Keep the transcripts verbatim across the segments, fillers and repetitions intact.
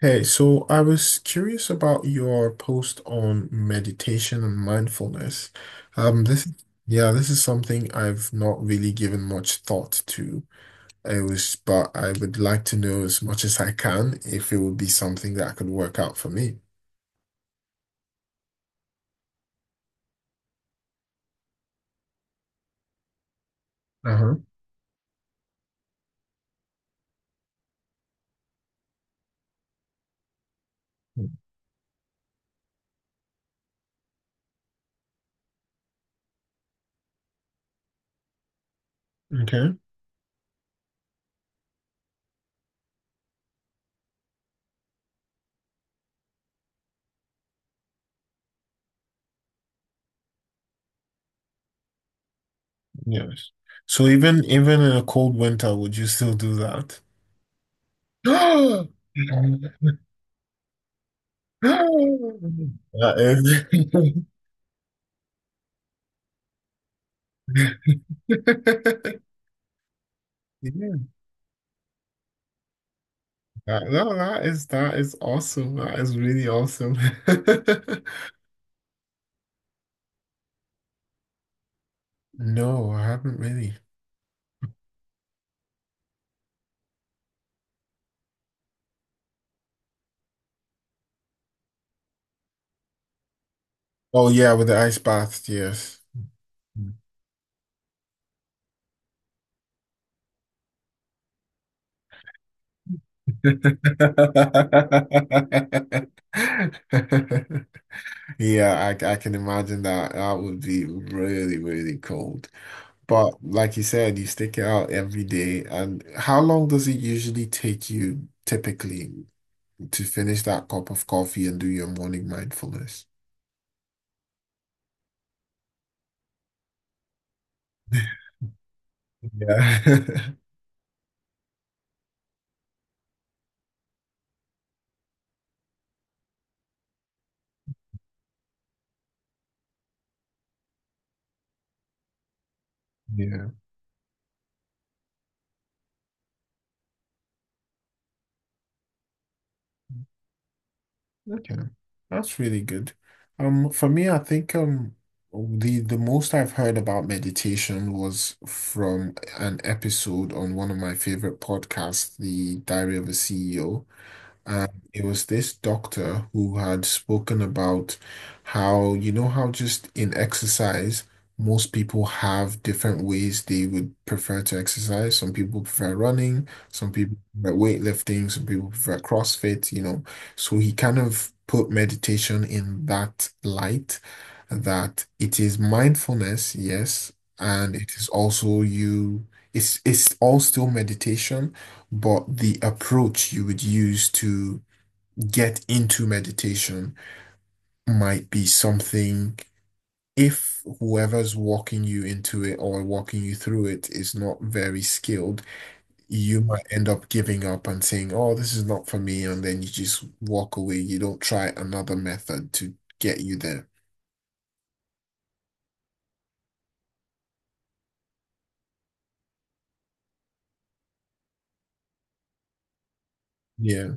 Hey, so I was curious about your post on meditation and mindfulness. Um, this, yeah, this is something I've not really given much thought to. It was, but I would like to know as much as I can if it would be something that could work out for me. Uh-huh. Okay. Yes. So even even in a cold winter, would you still do that? That is- Yeah. That, no, that is that is awesome. That is really awesome. No, I haven't really. Oh yeah, with the ice bath, yes. Yeah, I, I can imagine that. That would be really, really cold. But like you said, you stick it out every day. And how long does it usually take you typically to finish that cup of coffee and do your morning mindfulness? Yeah. Yeah. Okay, that's really good. Um, for me, I think um the the most I've heard about meditation was from an episode on one of my favorite podcasts, The Diary of a C E O. And it was this doctor who had spoken about how, you know, how just in exercise, most people have different ways they would prefer to exercise. Some people prefer running, some people prefer weightlifting, some people prefer CrossFit, you know. So he kind of put meditation in that light that it is mindfulness, yes, and it is also you, it's it's all still meditation but the approach you would use to get into meditation might be something, if whoever's walking you into it or walking you through it is not very skilled, you might end up giving up and saying, oh, this is not for me. And then you just walk away. You don't try another method to get you there. Yeah.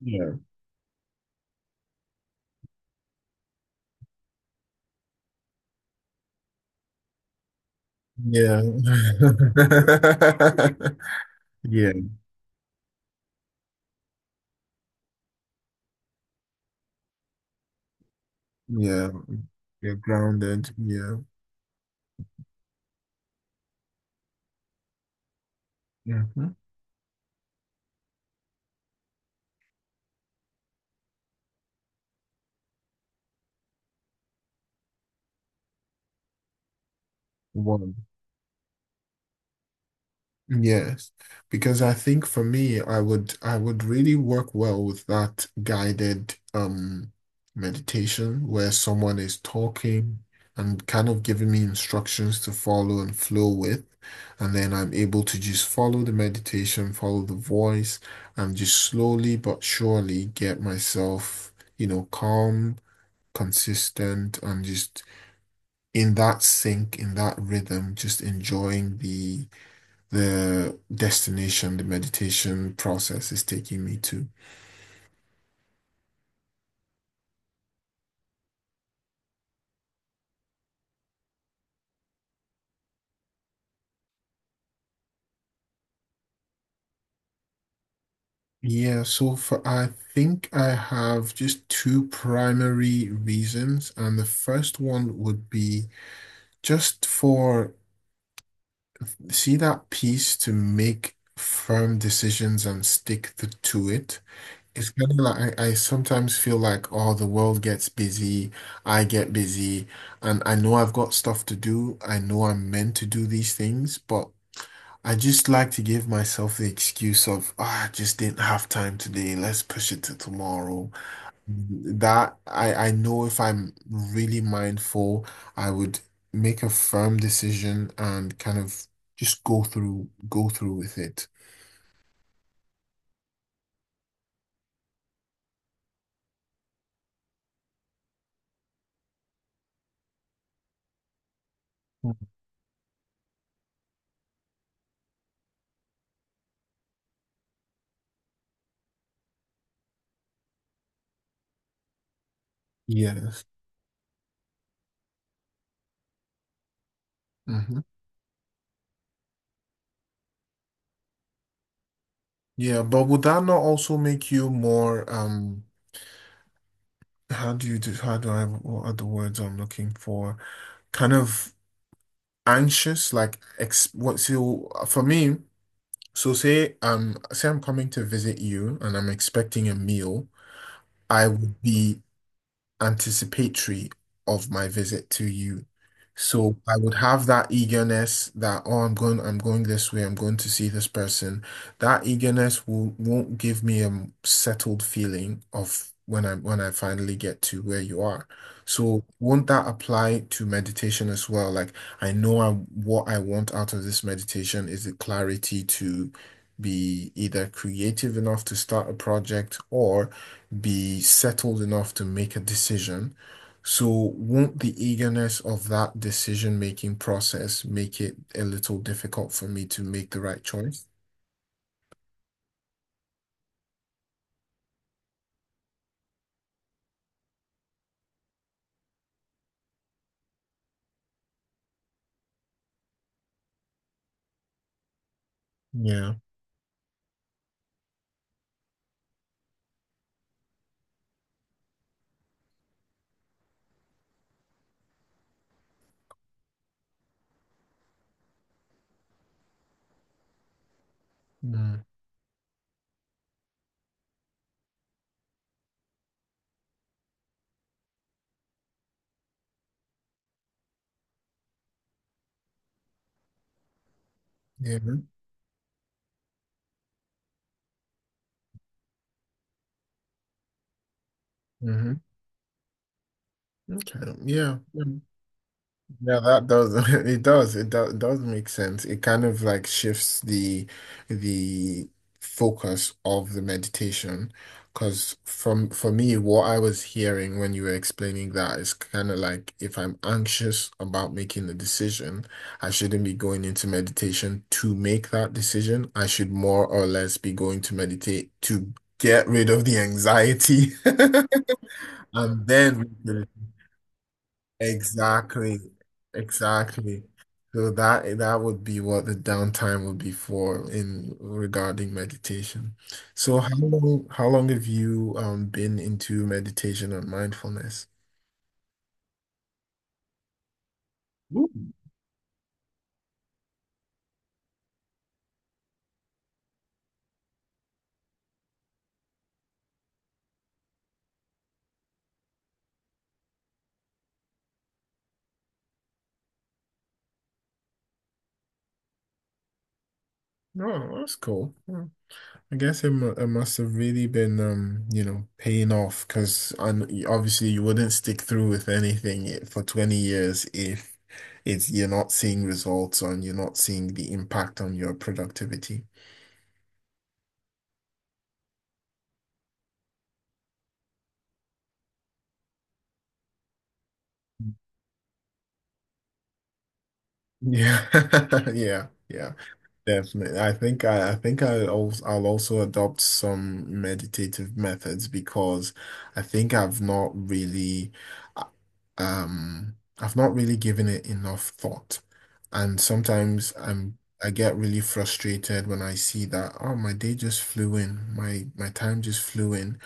Yeah. Yeah. Yeah. Yeah. You're grounded. Yeah. Hmm. One. Yes, because I think for me, I would I would really work well with that guided um meditation where someone is talking and kind of giving me instructions to follow and flow with, and then I'm able to just follow the meditation, follow the voice, and just slowly but surely get myself, you know, calm, consistent, and just in that sync, in that rhythm, just enjoying the the destination, the meditation process is taking me to. Yeah, so for I think I have just two primary reasons, and the first one would be just for see that piece to make firm decisions and stick the, to it. It's kind of like I, I sometimes feel like, oh, the world gets busy, I get busy, and I know I've got stuff to do. I know I'm meant to do these things, but I just like to give myself the excuse of, ah, I just didn't have time today. Let's push it to tomorrow. That I, I know if I'm really mindful, I would make a firm decision and kind of just go through go through with it. Mm. Yes. Hmm. Yeah, but would that not also make you more um how do you do how do I what are the words I'm looking for? Kind of anxious, like ex what so for me. So say um say I'm coming to visit you and I'm expecting a meal. I would be anticipatory of my visit to you. Mm. So I would have that eagerness that, oh, I'm going, I'm going this way, I'm going to see this person. That eagerness will, won't give me a settled feeling of when I when I finally get to where you are. So won't that apply to meditation as well? Like I know I what I want out of this meditation is the clarity to be either creative enough to start a project or be settled enough to make a decision. So, won't the eagerness of that decision-making process make it a little difficult for me to make the right choice? Yeah. Mm. Yeah. Hmm. Okay. Yeah. Yeah. Yeah, that does it does it does, does make sense. It kind of like shifts the the focus of the meditation because from for me what I was hearing when you were explaining that is kind of like if I'm anxious about making a decision, I shouldn't be going into meditation to make that decision. I should more or less be going to meditate to get rid of the anxiety. And then exactly, exactly. So that that would be what the downtime would be for in regarding meditation. So how long how long have you um been into meditation and mindfulness? Ooh, no, that's cool. Yeah. I guess it, mu- it must have really been um you know paying off because obviously you wouldn't stick through with anything I- for twenty years if it's you're not seeing results and you're not seeing the impact on your productivity. Yeah, yeah, yeah, definitely. I think I, I think I also, I'll also adopt some meditative methods because I think I've not really, uh, um, I've not really given it enough thought, and sometimes I'm I get really frustrated when I see that oh my day just flew in, my my time just flew in,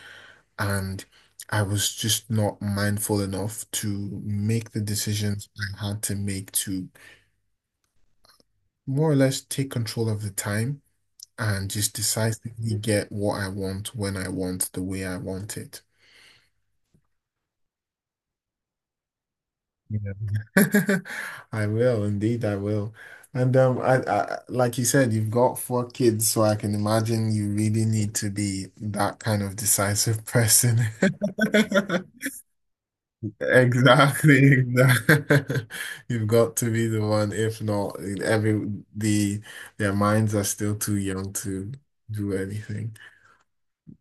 and I was just not mindful enough to make the decisions I had to make to more or less take control of the time and just decisively get what I want when I want, the way I want it. Yeah. I will, indeed, I will. And um, I, I like you said, you've got four kids, so I can imagine you really need to be that kind of decisive person. Exactly, exactly. You've got to be the one. If not, every the their minds are still too young to do anything.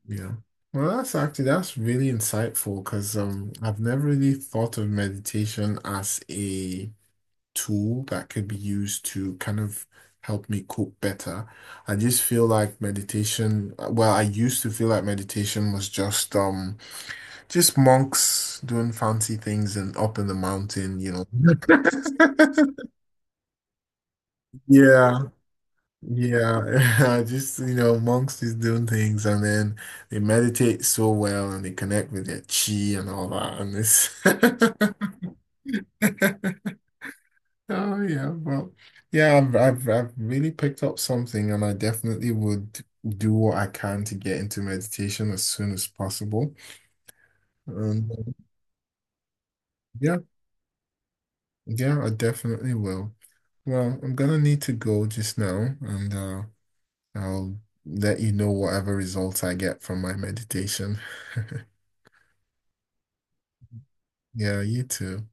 Yeah. Well, that's actually that's really insightful because um I've never really thought of meditation as a tool that could be used to kind of help me cope better. I just feel like meditation, well, I used to feel like meditation was just um just monks doing fancy things and up in the mountain, you know. Yeah. Yeah, just you know, monks is doing things and then they meditate so well and they connect with their chi and all that and this. Oh yeah, well, yeah, I've, I've I've really picked up something and I definitely would do what I can to get into meditation as soon as possible. And uh, yeah, yeah, I definitely will. Well, I'm gonna need to go just now and uh I'll let you know whatever results I get from my meditation. Yeah, you too.